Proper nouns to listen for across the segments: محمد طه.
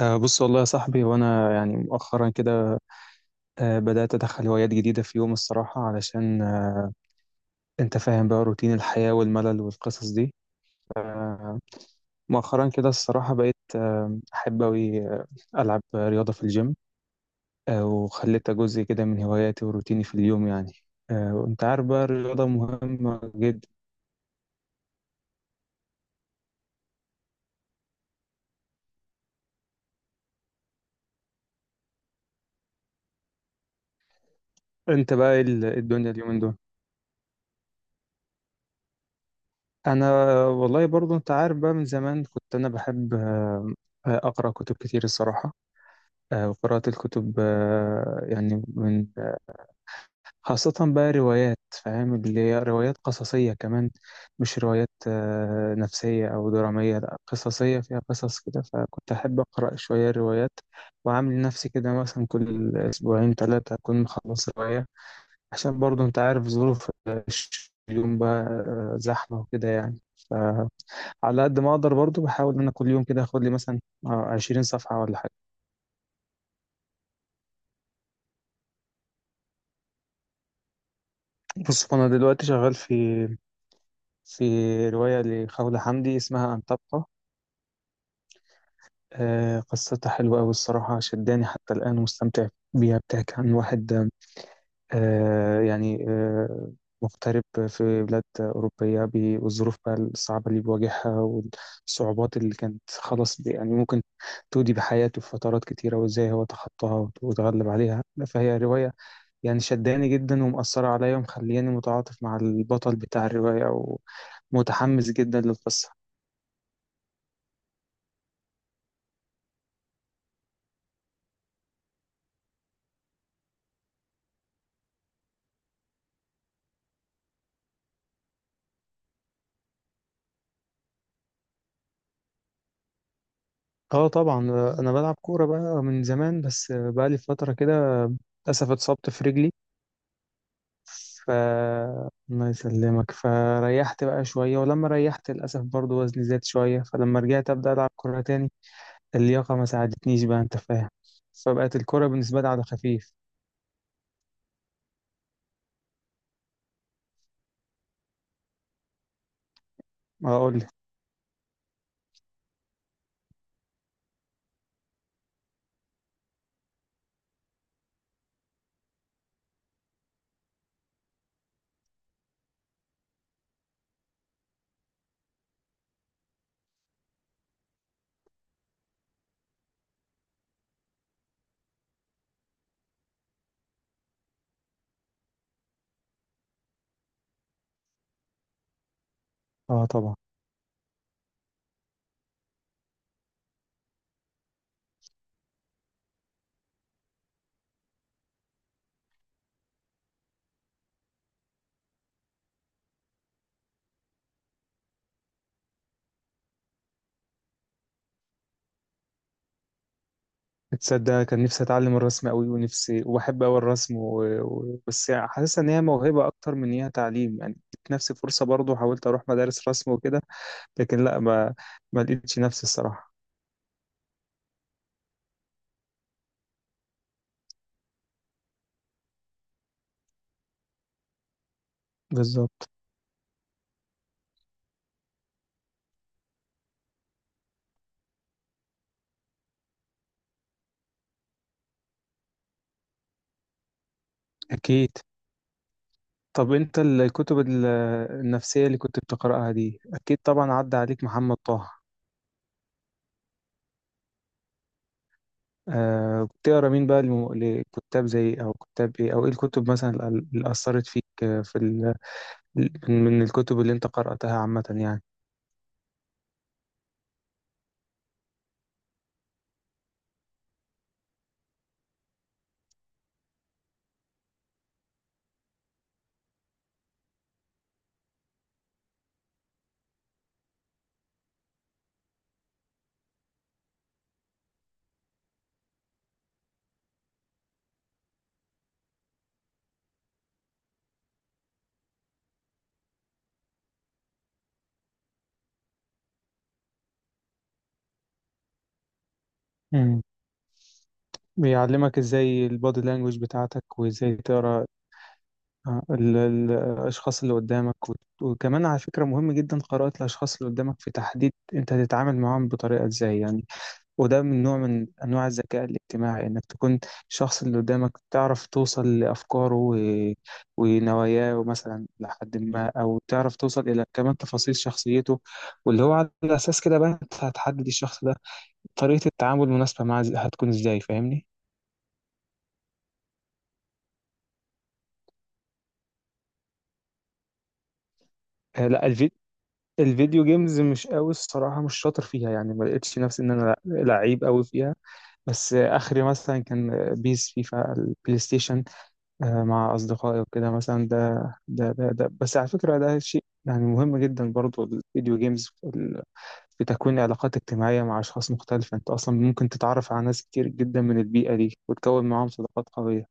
بص والله يا صاحبي وانا يعني مؤخرا كده، بدات ادخل هوايات جديده في يوم الصراحه علشان انت فاهم بقى روتين الحياه والملل والقصص دي. آه، مؤخرا كده الصراحه بقيت احب اوي العب رياضه في الجيم، وخليتها جزء كده من هواياتي وروتيني في اليوم يعني. وانت عارف بقى الرياضه مهمه جدا. انت بقى إيه إيه الدنيا اليومين دول؟ انا والله برضو انت عارف بقى من زمان كنت انا بحب اقرا كتب كتير الصراحه. وقراءة الكتب يعني من، خاصة بقى روايات، فاهم اللي هي روايات قصصية كمان. مش روايات نفسية أو درامية، لا قصصية فيها قصص كده، فكنت أحب أقرأ شوية روايات وعامل نفسي كده مثلا كل أسبوعين ثلاثة أكون مخلص رواية. عشان برضه أنت عارف ظروف اليوم بقى زحمة وكده يعني، فعلى قد ما أقدر برضه بحاول إن أنا كل يوم كده أخد لي مثلا آه، 20 صفحة ولا حاجة. بص أنا دلوقتي شغال في في رواية لخولة حمدي اسمها أن تبقى. قصتها حلوة أوي الصراحة، شداني حتى الآن ومستمتع بيها. بتحكي عن واحد آه، يعني آه، مغترب في بلاد أوروبية والظروف بقى الصعبة اللي بيواجهها، والصعوبات اللي كانت خلاص يعني ممكن تودي بحياته في فترات كتيرة، وإزاي هو تخطاها وتغلب عليها. فهي رواية يعني شداني جدا ومأثرة عليا ومخلياني متعاطف مع البطل بتاع الرواية ومتحمس جدا للقصة. اه طبعا، انا بلعب كوره بقى من زمان، بس بقى لي فتره كده للاسف اتصبت في رجلي. ف الله يسلمك، فريحت بقى شويه، ولما ريحت للاسف برضو وزني زاد شويه، فلما رجعت ابدا العب كوره تاني، اللياقه ما ساعدتنيش بقى، انت فاهم. فبقت الكوره بالنسبه لي على خفيف. اقول لك اه طبعا. تصدق كان نفسي اتعلم الرسم قوي ونفسي، وبحب قوي الرسم بس حاسس ان هي موهبه اكتر من هي تعليم. يعني اديت نفسي فرصه برضو، حاولت اروح مدارس رسم وكده، لكن لا، ما لقيتش نفسي الصراحة. بالظبط. أكيد. طب أنت الكتب النفسية اللي كنت بتقرأها دي أكيد طبعا عدى عليك محمد طه. آه بتقرأ مين بقى لكتاب زي، أو كتاب إيه، أو إيه الكتب مثلا اللي أثرت فيك من الكتب اللي أنت قرأتها عامة يعني. مم. بيعلمك إزاي البادي لانجوج بتاعتك وإزاي تقرأ الأشخاص اللي قدامك، وكمان على فكرة مهم جدا قراءة الأشخاص اللي قدامك في تحديد أنت هتتعامل معاهم بطريقة إزاي يعني. وده من نوع من أنواع الذكاء الاجتماعي إنك تكون الشخص اللي قدامك تعرف توصل لأفكاره ونواياه مثلا لحد ما، أو تعرف توصل إلى كمان تفاصيل شخصيته، واللي هو على أساس كده بقى أنت هتحدد الشخص ده طريقة التعامل المناسبة معاه هتكون إزاي، فاهمني؟ لا الفيديو جيمز مش قوي الصراحة، مش شاطر فيها، يعني ما لقيتش نفسي ان انا لعيب قوي فيها. بس اخري مثلا كان بيس فيفا البلاي ستيشن مع اصدقائي وكده مثلا. ده. بس على فكرة ده شيء يعني مهم جدا برضو، الفيديو جيمز في في تكوين علاقات اجتماعية مع اشخاص مختلفة، انت اصلا ممكن تتعرف على ناس كتير جدا من البيئة دي وتكون معاهم صداقات قوية.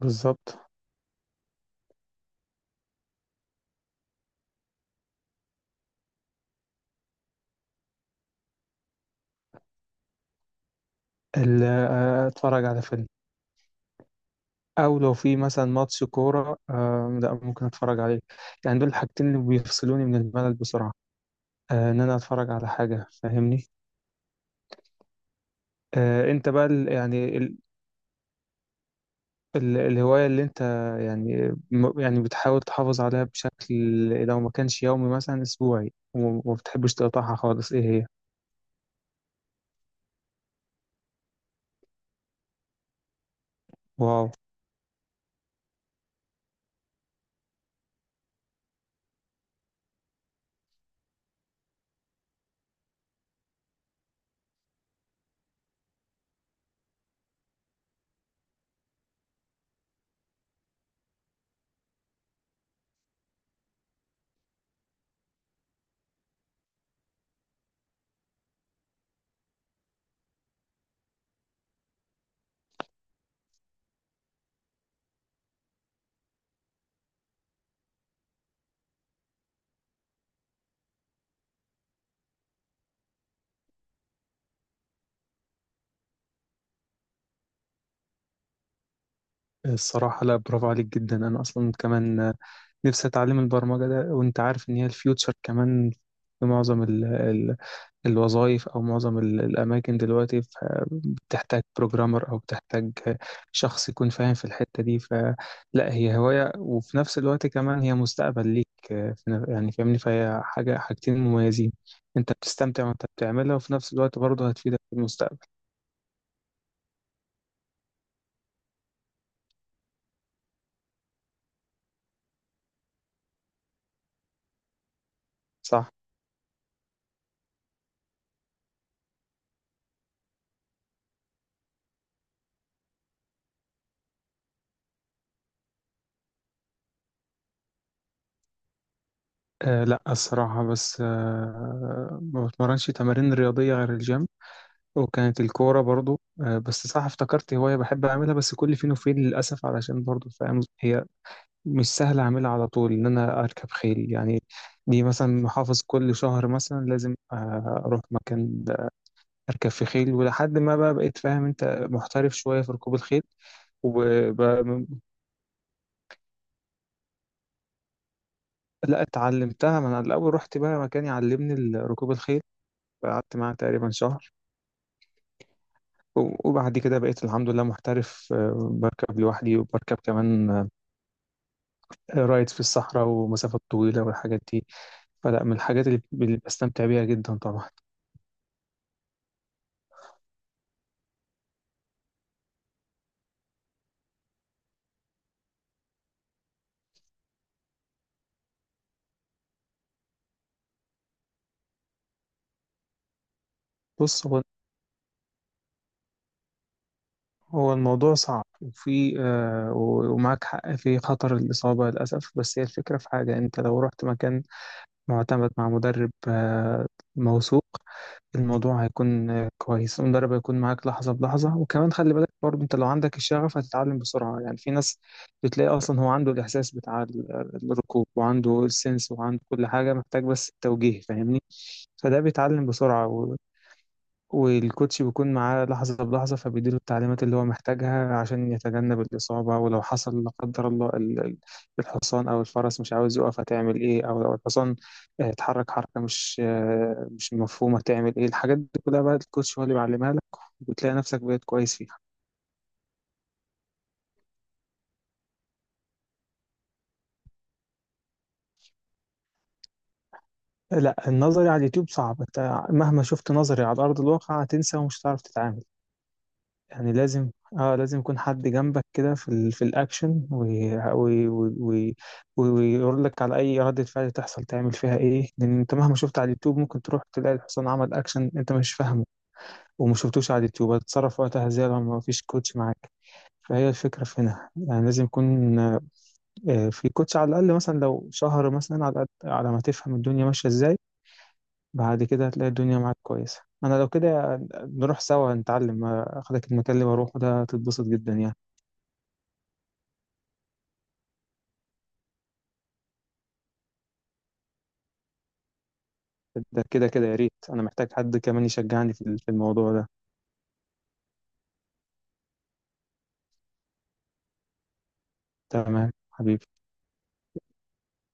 بالظبط. اتفرج على فيلم، او لو في مثلا ماتش كوره آه، لا ممكن اتفرج عليه. يعني دول الحاجتين اللي بيفصلوني من الملل بسرعه، آه ان انا اتفرج على حاجه، فاهمني. آه انت بقى ال- يعني ال ال الهوايه اللي انت يعني بتحاول تحافظ عليها بشكل، لو ما كانش يومي مثلا اسبوعي، وما بتحبش تقطعها خالص، ايه هي؟ واو. الصراحة لا برافو عليك جدا. أنا أصلا كمان نفسي أتعلم البرمجة ده، وأنت عارف إن هي الفيوتشر كمان في معظم الوظائف أو معظم الأماكن دلوقتي. بتحتاج بروجرامر، أو بتحتاج شخص يكون فاهم في الحتة دي، فلا هي هواية وفي نفس الوقت كمان هي مستقبل ليك يعني فاهمني، فهي حاجة، حاجتين مميزين. أنت بتستمتع وأنت بتعملها، وفي نفس الوقت برضه هتفيدك في المستقبل. صح؟ أه لا الصراحة، بس أه ما بتمرنش تمارين رياضية غير الجيم، وكانت الكورة برضو أه. بس صح افتكرت هواية بحب أعملها بس كل فين وفين للأسف، علشان برضو فاهم هي مش سهل أعملها على طول، إن أنا أركب خيل يعني. دي مثلا محافظ كل شهر مثلا لازم أروح مكان أركب في خيل، ولحد ما بقى بقيت فاهم أنت، محترف شوية في ركوب الخيل وبقى. لا اتعلمتها، ما أنا الأول رحت بقى مكان يعلمني ركوب الخيل، قعدت معاه تقريبا شهر، وبعد كده بقيت الحمد لله محترف بركب لوحدي وبركب كمان رايد في الصحراء ومسافات طويلة والحاجات دي. فلا من الحاجات اللي بستمتع بيها جدا طبعا. بص هو الموضوع صعب وفي آه ومعاك حق في خطر الإصابة للأسف، بس هي الفكرة في حاجة، أنت لو رحت مكان معتمد مع مدرب آه موثوق، الموضوع هيكون آه كويس، المدرب هيكون معاك لحظة بلحظة. وكمان خلي بالك برضه أنت لو عندك الشغف هتتعلم بسرعة، يعني في ناس بتلاقي أصلا هو عنده الإحساس بتاع الركوب، وعنده السنس وعنده كل حاجة محتاج، بس التوجيه فاهمني، فده بيتعلم بسرعة. والكوتش بيكون معاه لحظة بلحظة، فبيديله التعليمات اللي هو محتاجها عشان يتجنب الإصابة. ولو حصل لا قدر الله الحصان أو الفرس مش عاوز يقف هتعمل إيه، أو لو الحصان اتحرك حركة مش مش مفهومة هتعمل إيه، الحاجات دي كلها بقى الكوتش هو اللي بيعلمها لك، وبتلاقي نفسك بقيت كويس فيها. لا النظري على اليوتيوب صعب، انت مهما شفت نظري على أرض الواقع هتنسى ومش هتعرف تتعامل. يعني لازم اه لازم يكون حد جنبك كده في الاكشن، ويقول ويقول لك على اي ردة فعل تحصل تعمل فيها ايه. لان انت مهما شفت على اليوتيوب ممكن تروح تلاقي الحصان عمل اكشن انت مش فاهمه وما شفتوش على اليوتيوب، هتتصرف وقتها ازاي لو ما فيش كوتش معاك؟ فهي الفكرة في هنا، يعني لازم يكون في كوتش على الأقل مثلا لو شهر مثلا على الأقل، على ما تفهم الدنيا ماشية ازاي. بعد كده هتلاقي الدنيا معاك كويسة. أنا لو كده نروح سوا نتعلم أخدك المكان اللي بروحه ده هتتبسط جدا يعني. ده كده كده يا ريت، انا محتاج حد كمان يشجعني في الموضوع ده. تمام حبيبي.